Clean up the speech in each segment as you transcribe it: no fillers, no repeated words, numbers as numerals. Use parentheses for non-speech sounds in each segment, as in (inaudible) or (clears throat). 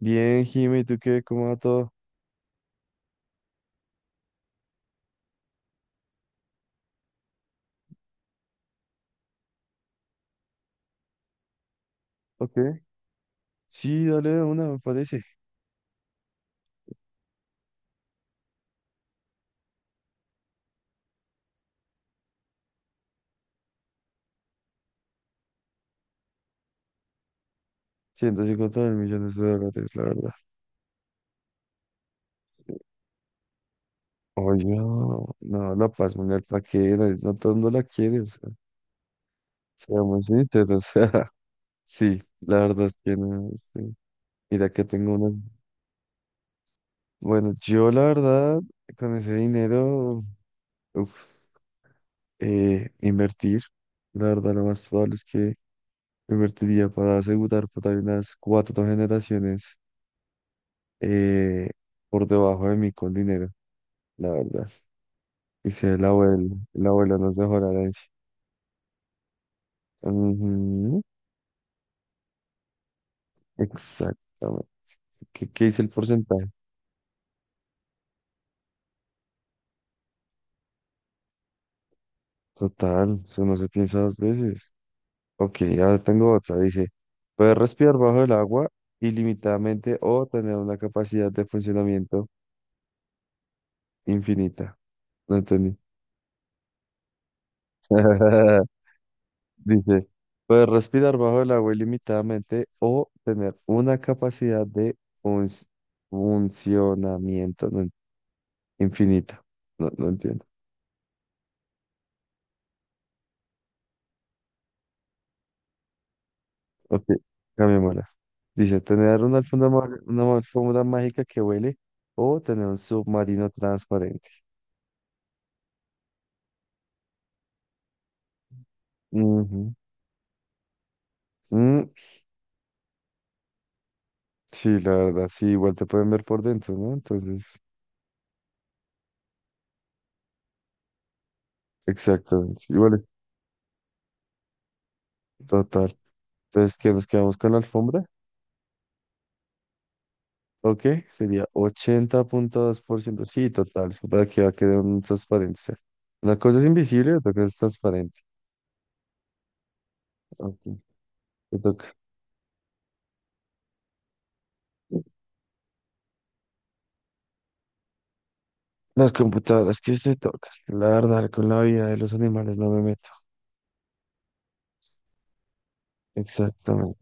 Bien, Jimmy, ¿tú qué? ¿Cómo va todo? Ok. Sí, dale de una, me parece. 150 mil millones de dólares, la verdad. Oye, no, no, la paz mundial, ¿para qué? No, no todo el mundo la quiere, o sea, seamos sinceros. (laughs) Sí, la verdad es que no, sí. Mira que tengo unas... Bueno, yo la verdad, con ese dinero, uf, invertir, la verdad lo más probable es que invertiría para asegurar para unas 4 generaciones eh, por debajo de mí con dinero, la verdad. Dice el abuelo nos dejó la herencia. Ujú, exactamente. ¿Qué dice el porcentaje? Total, eso no se piensa 2 veces. Ok, ahora tengo otra. Dice, poder respirar bajo el agua ilimitadamente o tener una capacidad de funcionamiento infinita. No entendí. (laughs) Dice, poder respirar bajo el agua ilimitadamente o tener una capacidad de func- funcionamiento infinita. No, no entiendo. Ok, cambiémosla. Dice, tener una alfombra, una alfombra mágica que huele o tener un submarino transparente. Ujú. Mm, sí, la verdad, sí, igual te pueden ver por dentro, ¿no? Entonces, exactamente. Igual es total. Entonces, ¿qué nos quedamos con la alfombra? Ok, sería 80,2%. Sí, total, es que para que va a quedar un transparencia. Una cosa es invisible, otra cosa es transparente. Ok, te toca. Las computadoras, ¿que se toca? La verdad, con la vida de los animales no me meto. Exactamente.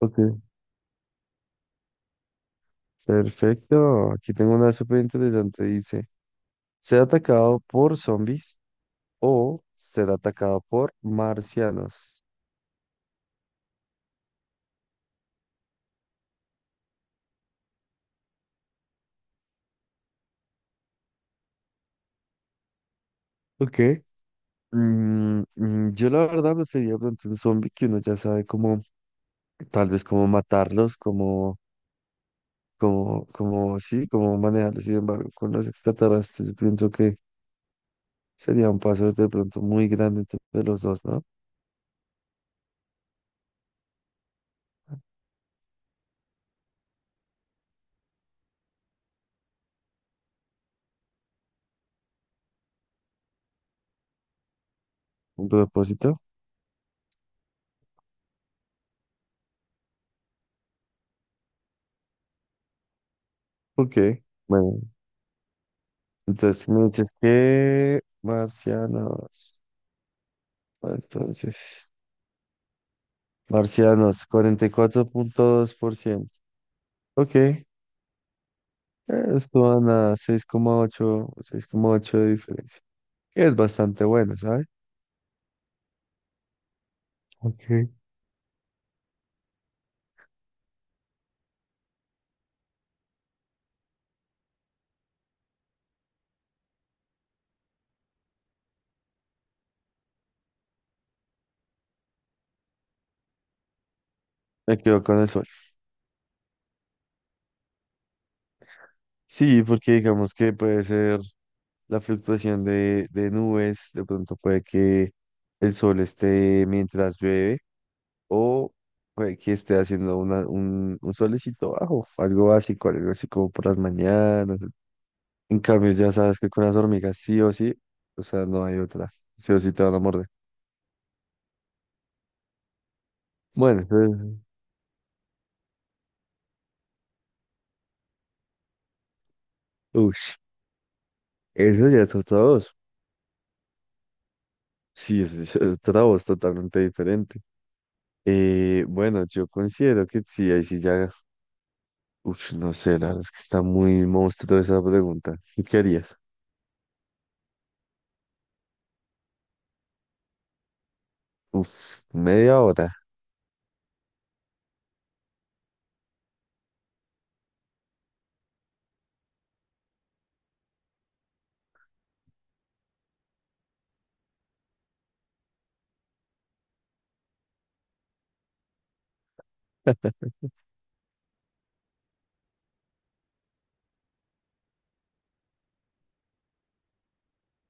Ok, perfecto. Aquí tengo una súper interesante. Dice, ser atacado por zombies o ser atacado por marcianos. Ok. Yo la verdad preferiría de pronto un zombie, que uno ya sabe cómo, tal vez cómo matarlos, sí, cómo manejarlos. Sin embargo, con los extraterrestres, yo pienso que sería un paso de pronto muy grande entre los dos, ¿no? Un propósito. Ok, bueno, entonces me dices que marcianos, entonces, marcianos, 44.2%. Ok, esto van a seis seis coma ocho de diferencia, que es bastante bueno, ¿sabes? Ok. Me quedo con el sol. Sí, porque digamos que puede ser la fluctuación de nubes, de pronto puede que el sol esté mientras llueve o puede que esté haciendo un solecito bajo, algo básico, algo así como por las mañanas. En cambio, ya sabes que con las hormigas sí o sí, o sea, no hay otra, sí o sí te van a morder. Bueno, ush, eso ya es otra voz. Sí, eso ya es otra voz totalmente diferente. Bueno, yo considero que sí, ahí sí ya. Uf, no sé, la verdad es que está muy monstruo esa pregunta. ¿Tú qué harías? Uf, media hora.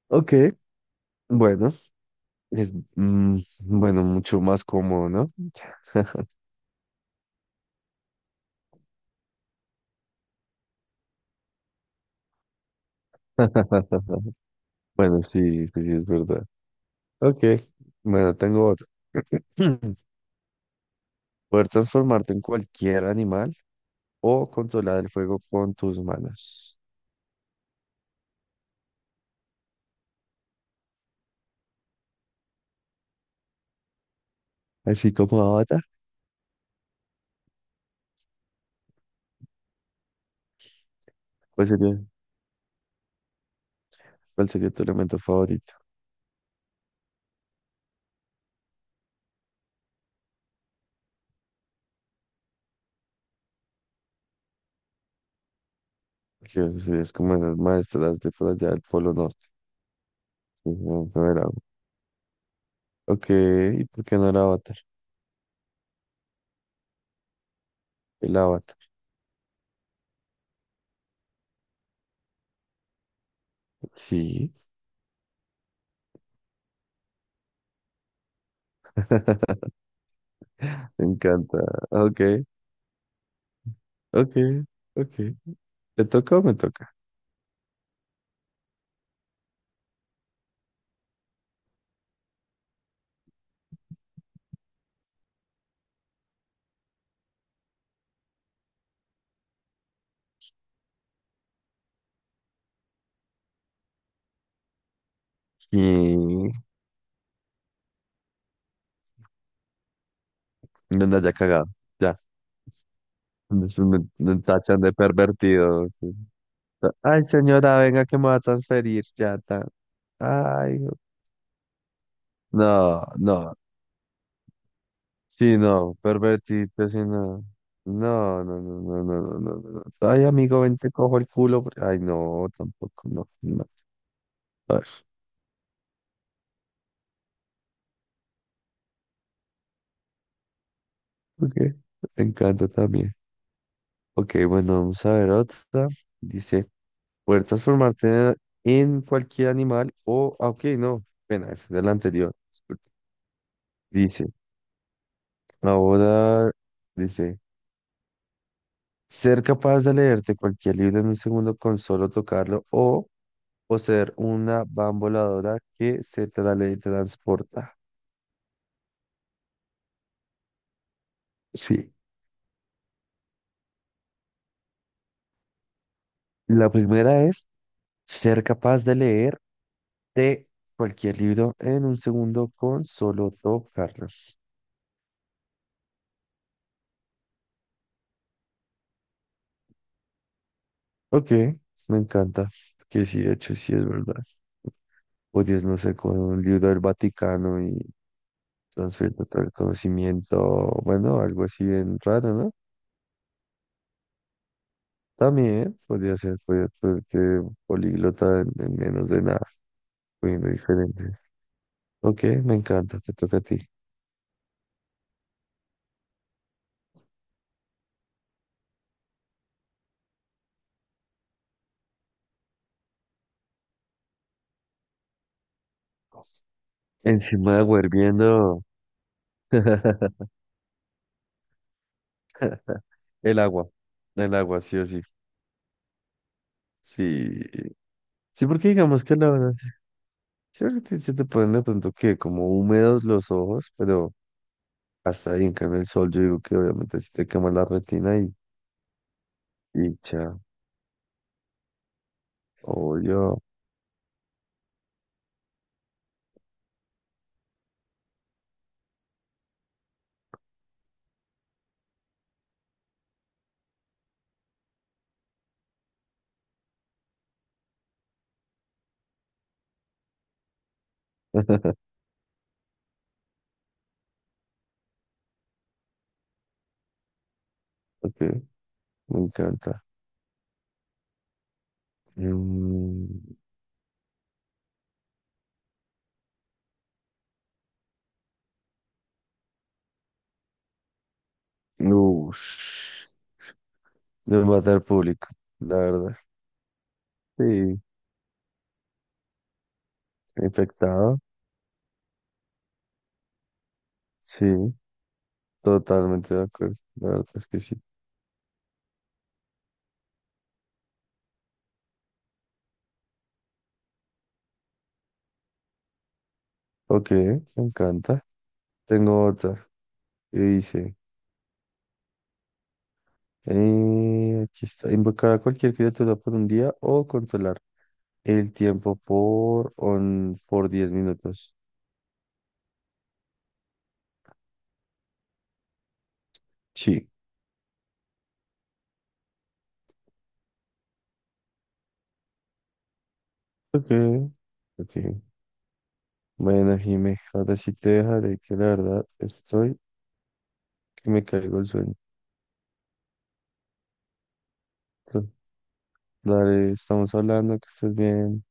Ok, bueno, es bueno, mucho más cómodo, ¿no? (laughs) Bueno, sí, es verdad. Ok, bueno, tengo otra. (clears throat) Poder transformarte en cualquier animal o controlar el fuego con tus manos. Así como Avatar, ¿cuál sería, ¿cuál sería tu elemento favorito? Que eso sí es como en las maestras de por allá del Polo Norte. Sí, no, no era. Ok, ¿y por qué no el avatar? El avatar. Sí, me encanta. Ok, ok, ok. ¿Te toca o me toca? Y no me haya cagado. Ya. Después me tachan de pervertido, sí. Ay, señora, venga que me va a transferir. Ya está. Ay, no, no, no. Sí, no, pervertido, sí, no. No, no, no, no, no, no, no. no. no. Ay, amigo, ven, te cojo el culo. Ay, no, tampoco, no, no. A ver, ok. Me encanta también. Ok, bueno, vamos a ver otra. Dice, poder transformarte en cualquier animal o, ah, ok, no, pena, es de la anterior. Disculpe. Dice, ahora, dice, ser capaz de leerte cualquier libro en un segundo con solo tocarlo o poseer una bamboladora que se teletransporta. Sí, la primera es ser capaz de leerte cualquier libro en un segundo con solo tocarlo. Ok, me encanta. Que sí, de hecho, sí es verdad. Podías, no sé, con un libro del Vaticano y transferir todo el conocimiento, bueno, algo así bien raro, ¿no? También podría ser que políglota en menos de nada, poniendo diferente. Ok, me encanta, te toca a ti. Encima de agua hirviendo, (laughs) el agua, el agua, sí o sí. Sí, sí, porque digamos que la verdad, sí, ahorita se te ponen de pronto que como húmedos los ojos, pero. Hasta ahí, en cambio, el sol, yo digo que obviamente si te quema la retina y chao. Obvio. (laughs) Ok, me encanta. Mm, ush, de matar público, la verdad. Sí, infectado. Sí, totalmente de acuerdo. La verdad es que sí. Ok, me encanta. Tengo otra y dice, aquí está, invocar a cualquier criatura por un día o controlar el tiempo por 10 minutos. Sí. Ok, Ok. Bueno, Jime, ahora sí te dejaré que la verdad estoy que me caigo el sueño. Entonces, dale, estamos hablando, que estés bien.